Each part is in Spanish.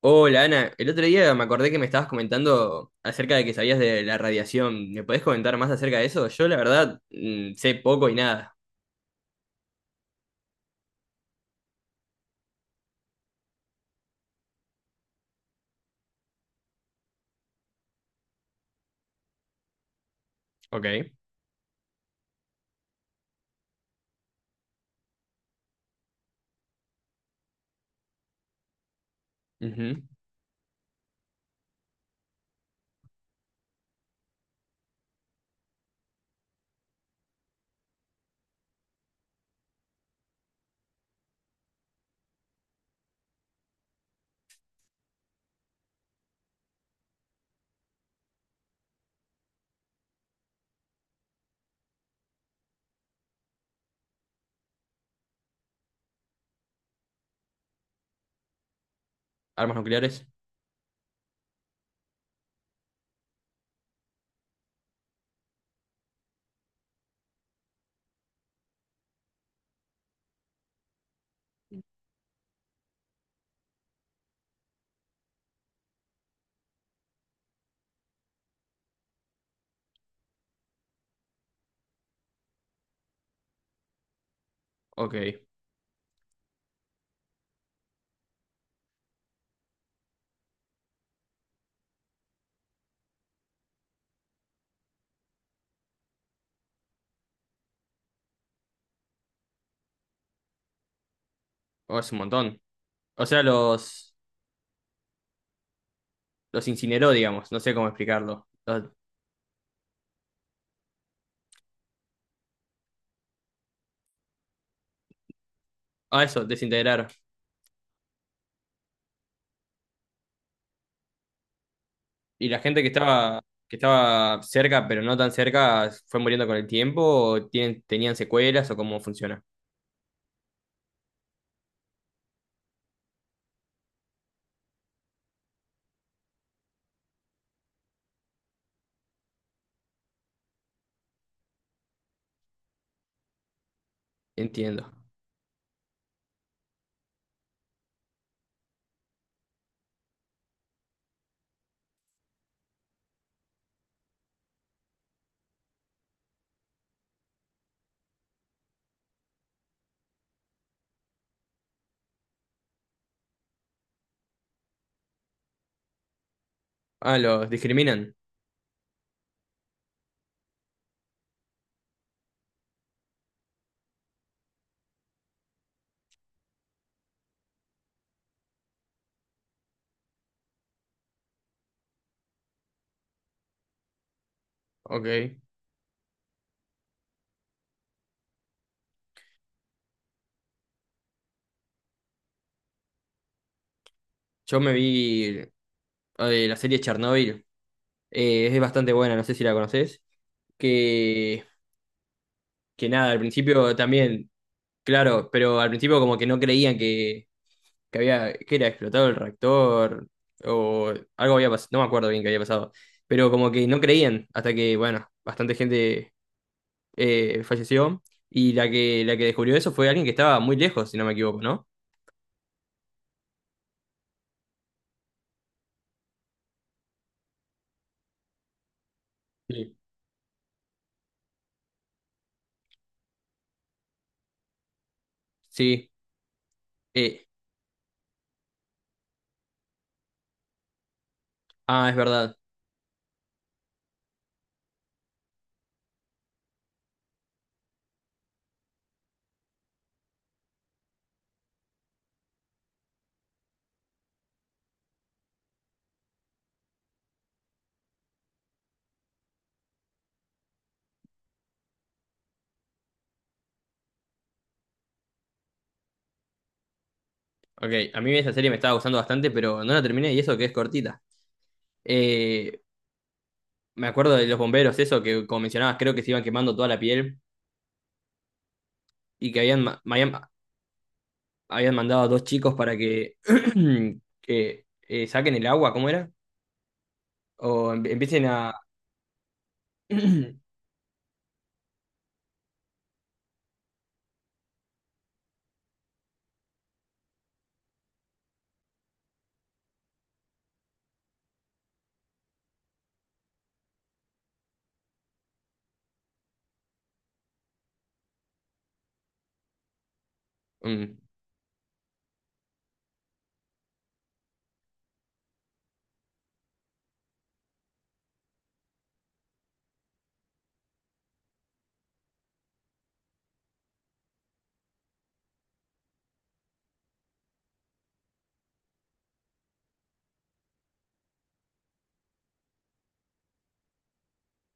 Hola Ana, el otro día me acordé que me estabas comentando acerca de que sabías de la radiación. ¿Me podés comentar más acerca de eso? Yo la verdad sé poco y nada. Ok. Ujú. Armas nucleares. Ok. Oh, es un montón. O sea, los incineró, digamos. No sé cómo explicarlo. Los- ah, eso, desintegrar. ¿Y la gente que estaba cerca, pero no tan cerca, fue muriendo con el tiempo? ¿O tienen- tenían secuelas o cómo funciona? Entiendo. Ah, los discriminan. Ok. Yo me vi la serie Chernobyl. Es bastante buena, no sé si la conoces. Que, que nada, al principio también, claro, pero al principio como que no creían que había, que era explotado el reactor o algo había pasado, no me acuerdo bien qué había pasado, pero como que no creían hasta que, bueno, bastante gente falleció y la que descubrió eso fue alguien que estaba muy lejos, si no me equivoco, ¿no? Sí. Sí. eh, ah, es verdad. Ok, a mí esa serie me estaba gustando bastante, pero no la terminé y eso que es cortita. Eh, me acuerdo de los bomberos, eso que como mencionabas, creo que se iban quemando toda la piel y que habían, ma- habían, habían mandado a dos chicos para que, que, saquen el agua, ¿cómo era? O em- empiecen a... Mm,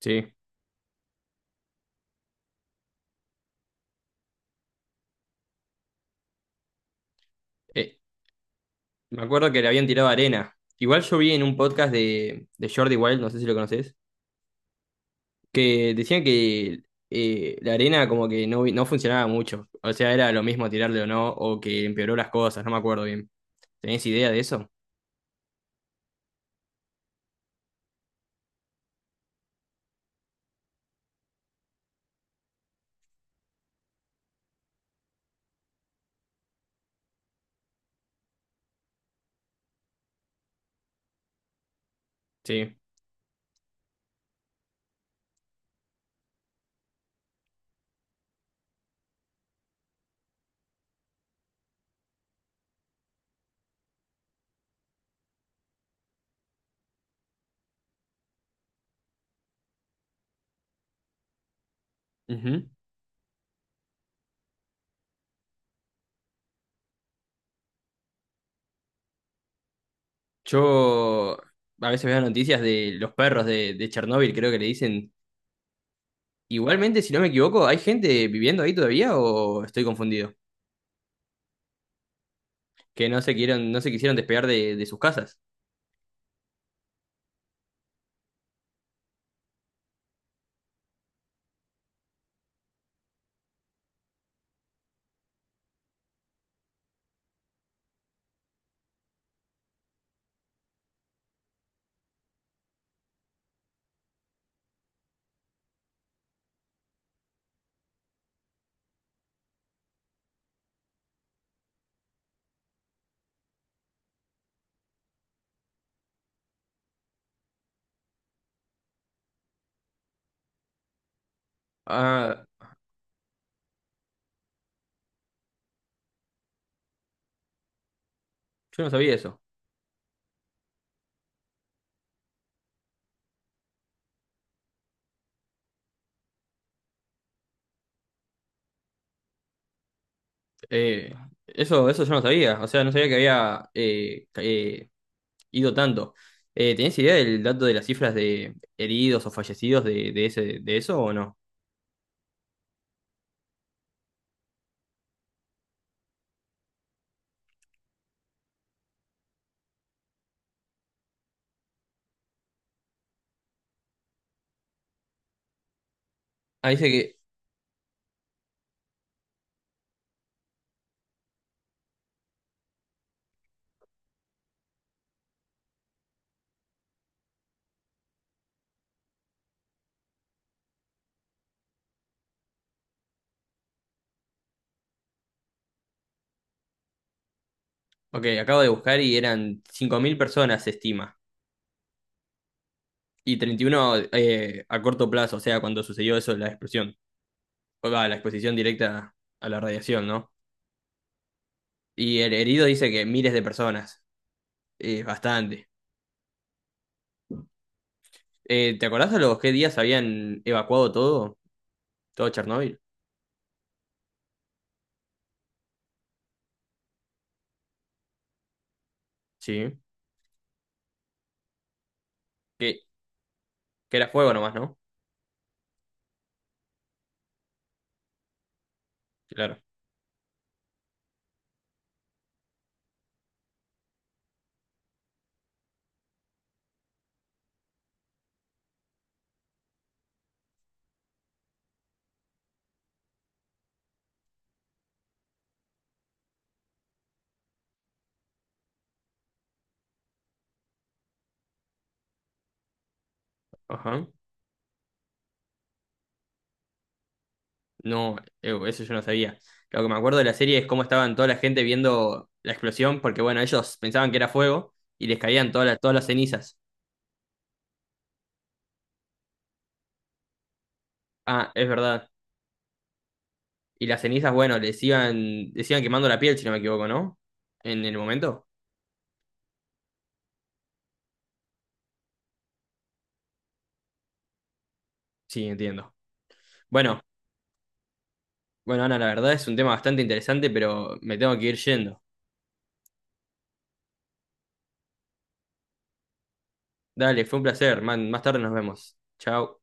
sí. Eh, me acuerdo que le habían tirado arena. Igual yo vi en un podcast de Jordi Wild, no sé si lo conoces, que decían que la arena como que no, no funcionaba mucho. O sea, era lo mismo tirarle o no, o que empeoró las cosas, no me acuerdo bien. ¿Tenés idea de eso? Sí. Ujú. Yo a veces veo noticias de los perros de Chernóbil, creo que le dicen. Igualmente, si no me equivoco, ¿hay gente viviendo ahí todavía o estoy confundido? Que no se quieron, no se quisieron despegar de sus casas. Ah, yo no sabía eso. Eh, eso, eso yo no sabía. O sea, no sabía que había ca- ido tanto. ¿Tenés idea del dato de las cifras de heridos o fallecidos de ese, de eso o no? Ah, dice que, ok, acabo de buscar y eran 5.000 personas, se estima. Y 31 a corto plazo, o sea, cuando sucedió eso de la explosión, o va, la exposición directa a la radiación, ¿no? Y el herido dice que miles de personas, es bastante. ¿Te acordás a los qué días habían evacuado todo? Todo Chernóbil. Sí. Que, que era fuego nomás, ¿no? Claro. Ajá. No, eso yo no sabía. Lo que me acuerdo de la serie es cómo estaban toda la gente viendo la explosión, porque bueno, ellos pensaban que era fuego y les caían todas las cenizas. Ah, es verdad. Y las cenizas, bueno, les iban quemando la piel, si no me equivoco, ¿no? En el momento. Sí, entiendo. Bueno, bueno, Ana, la verdad es un tema bastante interesante, pero me tengo que ir yendo. Dale, fue un placer. Man, más tarde nos vemos. Chao.